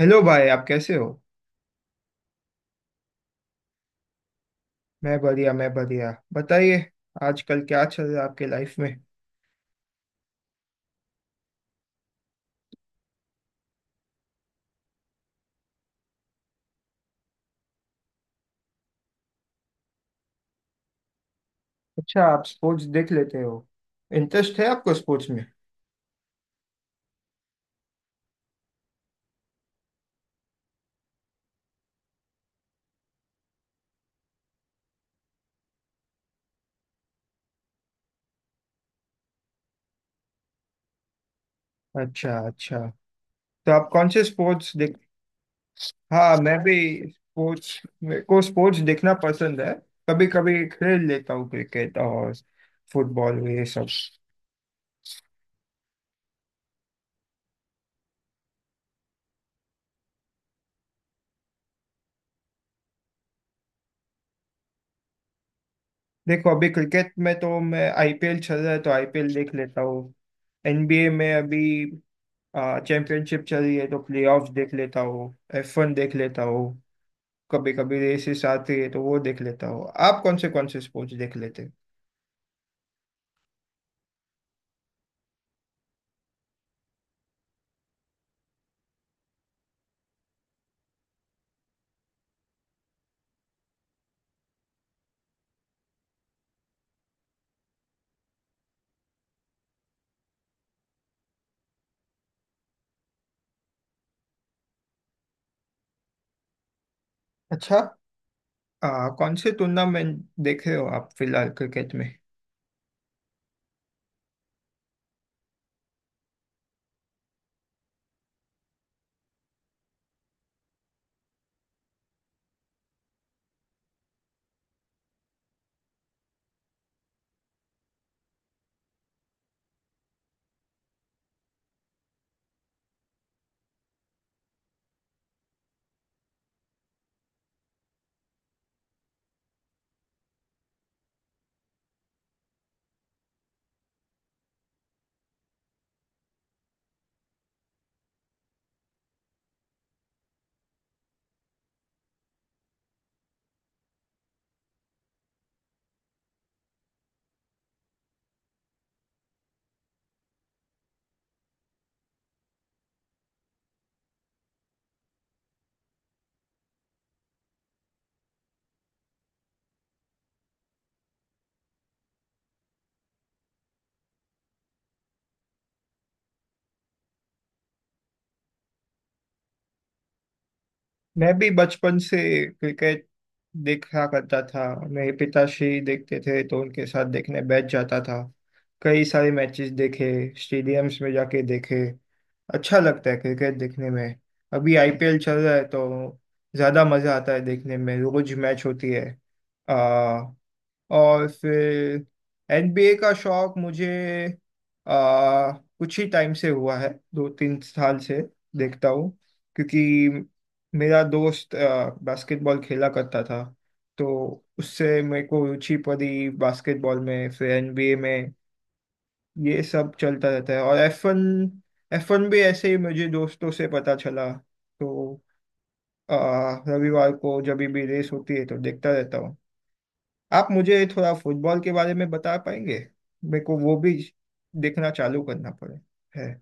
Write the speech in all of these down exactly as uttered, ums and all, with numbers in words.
Hello भाई, आप कैसे हो? मैं बढ़िया, मैं बढ़िया। बताइए। आजकल क्या चल रहा है आपके लाइफ में? अच्छा, आप स्पोर्ट्स देख लेते हो? इंटरेस्ट है आपको स्पोर्ट्स में? अच्छा अच्छा, तो आप कौन से स्पोर्ट्स देख? हाँ, मैं भी। स्पोर्ट्स, मेरे को स्पोर्ट्स देखना पसंद है। कभी कभी खेल लेता हूँ क्रिकेट और फुटबॉल, ये सब। देखो, अभी क्रिकेट में तो मैं आई पी एल चल रहा है तो आई पी एल देख लेता हूँ। एन बी ए में अभी चैंपियनशिप चल रही है तो प्लेऑफ्स देख लेता हूँ। एफ वन देख लेता हूँ। कभी कभी रेसेस आती है तो वो देख लेता हूँ। आप कौन से कौन से स्पोर्ट्स देख लेते हैं? अच्छा, आ, कौन से टूर्नामेंट देख रहे हो आप फिलहाल क्रिकेट में? मैं भी बचपन से क्रिकेट देखा करता था। मेरे पिताश्री देखते थे तो उनके साथ देखने बैठ जाता था। कई सारे मैचेस देखे, स्टेडियम्स में जाके देखे। अच्छा लगता है क्रिकेट देखने में। अभी आई पी एल चल रहा है तो ज़्यादा मज़ा आता है देखने में, रोज मैच होती है। आ, और फिर एन बी ए का शौक मुझे आ, कुछ ही टाइम से हुआ है, दो तीन साल से देखता हूँ। क्योंकि मेरा दोस्त बास्केटबॉल खेला करता था तो उससे मेरे को रुचि पड़ी बास्केटबॉल में, फिर एन बी ए में। ये सब चलता रहता है। और एफ वन एफ वन भी ऐसे ही मुझे दोस्तों से पता चला। तो आ, रविवार को जब भी रेस होती है तो देखता रहता हूँ। आप मुझे थोड़ा फुटबॉल के बारे में बता पाएंगे? मेरे को वो भी देखना चालू करना पड़े है।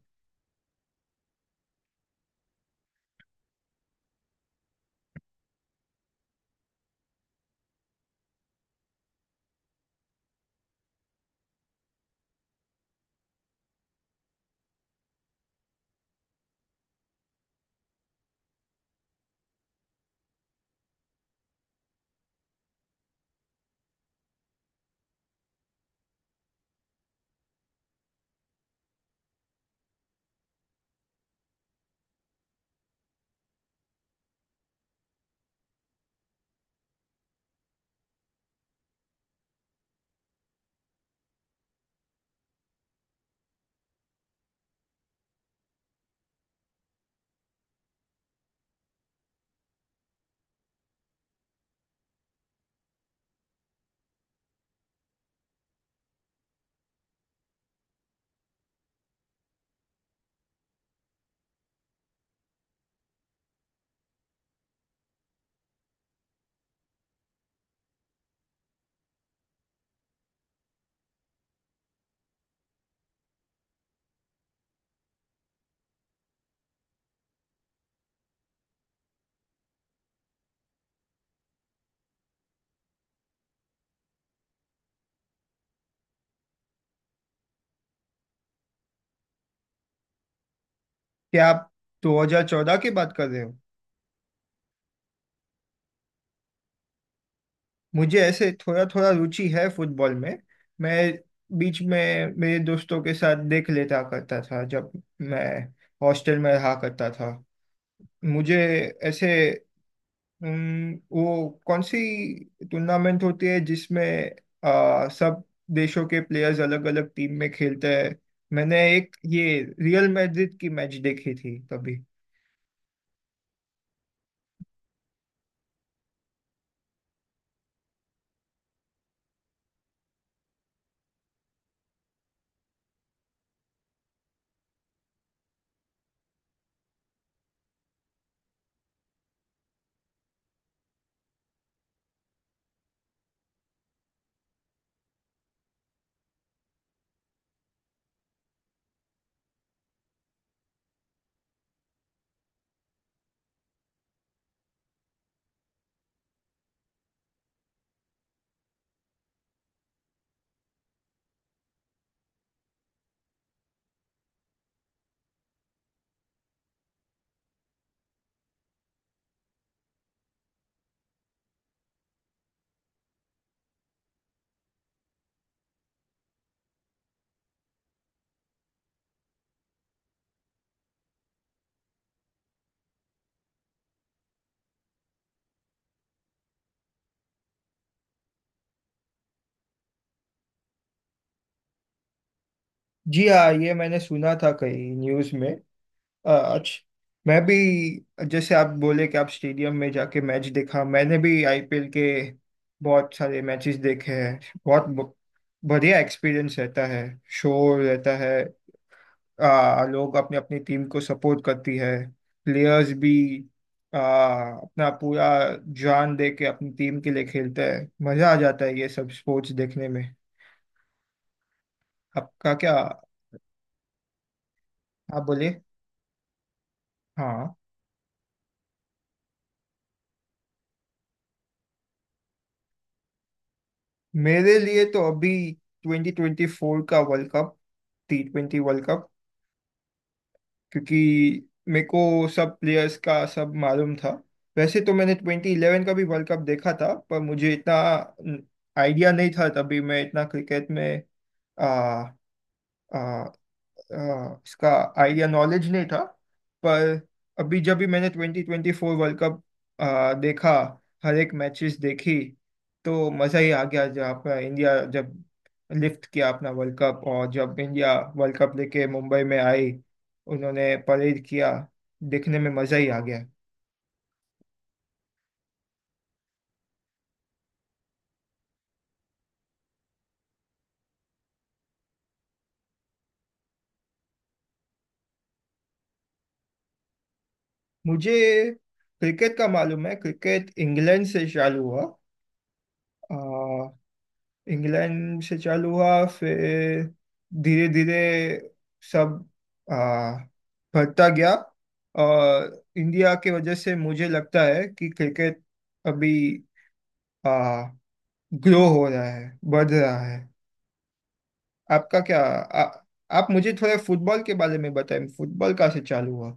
क्या आप दो हज़ार चौदह की बात कर रहे हो? मुझे ऐसे थोड़ा थोड़ा रुचि है फुटबॉल में। मैं बीच में मेरे दोस्तों के साथ देख लेता करता था जब मैं हॉस्टल में रहा करता था। मुझे ऐसे हम्म, वो कौन सी टूर्नामेंट होती है जिसमें आ, सब देशों के प्लेयर्स अलग अलग टीम में खेलते हैं? मैंने एक ये रियल मैड्रिड की मैच देखी थी तभी। जी हाँ, ये मैंने सुना था कहीं न्यूज़ में। अच्छा। मैं भी, जैसे आप बोले कि आप स्टेडियम में जाके मैच देखा, मैंने भी आई पी एल के बहुत सारे मैचेस देखे हैं। बहुत ब- बढ़िया एक्सपीरियंस रहता है। शोर रहता है, आ, लोग अपनी अपनी टीम को सपोर्ट करती है। प्लेयर्स भी आ, अपना पूरा जान दे के अपनी टीम के लिए खेलते हैं। मजा आ जाता है ये सब स्पोर्ट्स देखने में। आपका क्या, आप बोलिए। हाँ, मेरे लिए तो अभी ट्वेंटी ट्वेंटी फोर का world cup, T twenty world cup. क्योंकि मेरे को सब प्लेयर्स का सब मालूम था। वैसे तो मैंने ट्वेंटी इलेवन का भी वर्ल्ड कप देखा था, पर मुझे इतना आइडिया नहीं था, तभी मैं इतना क्रिकेट में, आ, आ, आ, इसका आइडिया नॉलेज नहीं था। पर अभी जब भी मैंने twenty twenty four world cup आ, देखा, हर एक मैचेस देखी, तो मज़ा ही आ गया। जब अपना इंडिया जब लिफ्ट किया अपना वर्ल्ड कप, और जब इंडिया वर्ल्ड कप लेके मुंबई में आई, उन्होंने परेड किया, देखने में मज़ा ही आ गया। मुझे क्रिकेट का मालूम है, क्रिकेट इंग्लैंड से चालू हुआ। आ, इंग्लैंड से चालू हुआ, फिर धीरे धीरे सब आ, बढ़ता गया। और इंडिया के वजह से मुझे लगता है कि क्रिकेट अभी आ, ग्रो हो रहा है, बढ़ रहा है। आपका क्या, आ, आप मुझे थोड़ा फुटबॉल के बारे में बताएं, फुटबॉल कहाँ से चालू हुआ?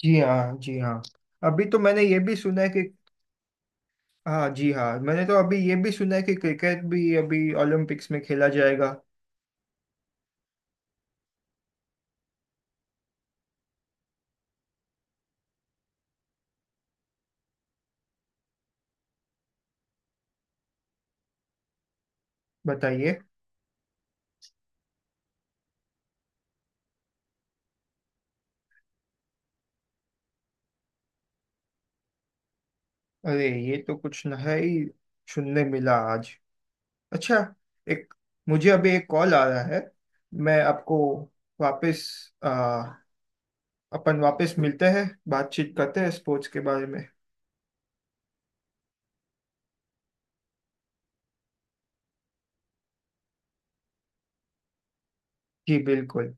जी हाँ, जी हाँ। अभी तो मैंने ये भी सुना है कि हाँ। जी हाँ, मैंने तो अभी ये भी सुना है कि क्रिकेट भी अभी ओलंपिक्स में खेला जाएगा। बताइए। अरे, ये तो कुछ नया ही सुनने मिला आज। अच्छा। एक मुझे अभी एक कॉल आ रहा है। मैं आपको वापस, आ, अपन वापस मिलते हैं, बातचीत करते हैं स्पोर्ट्स के बारे में। जी बिल्कुल।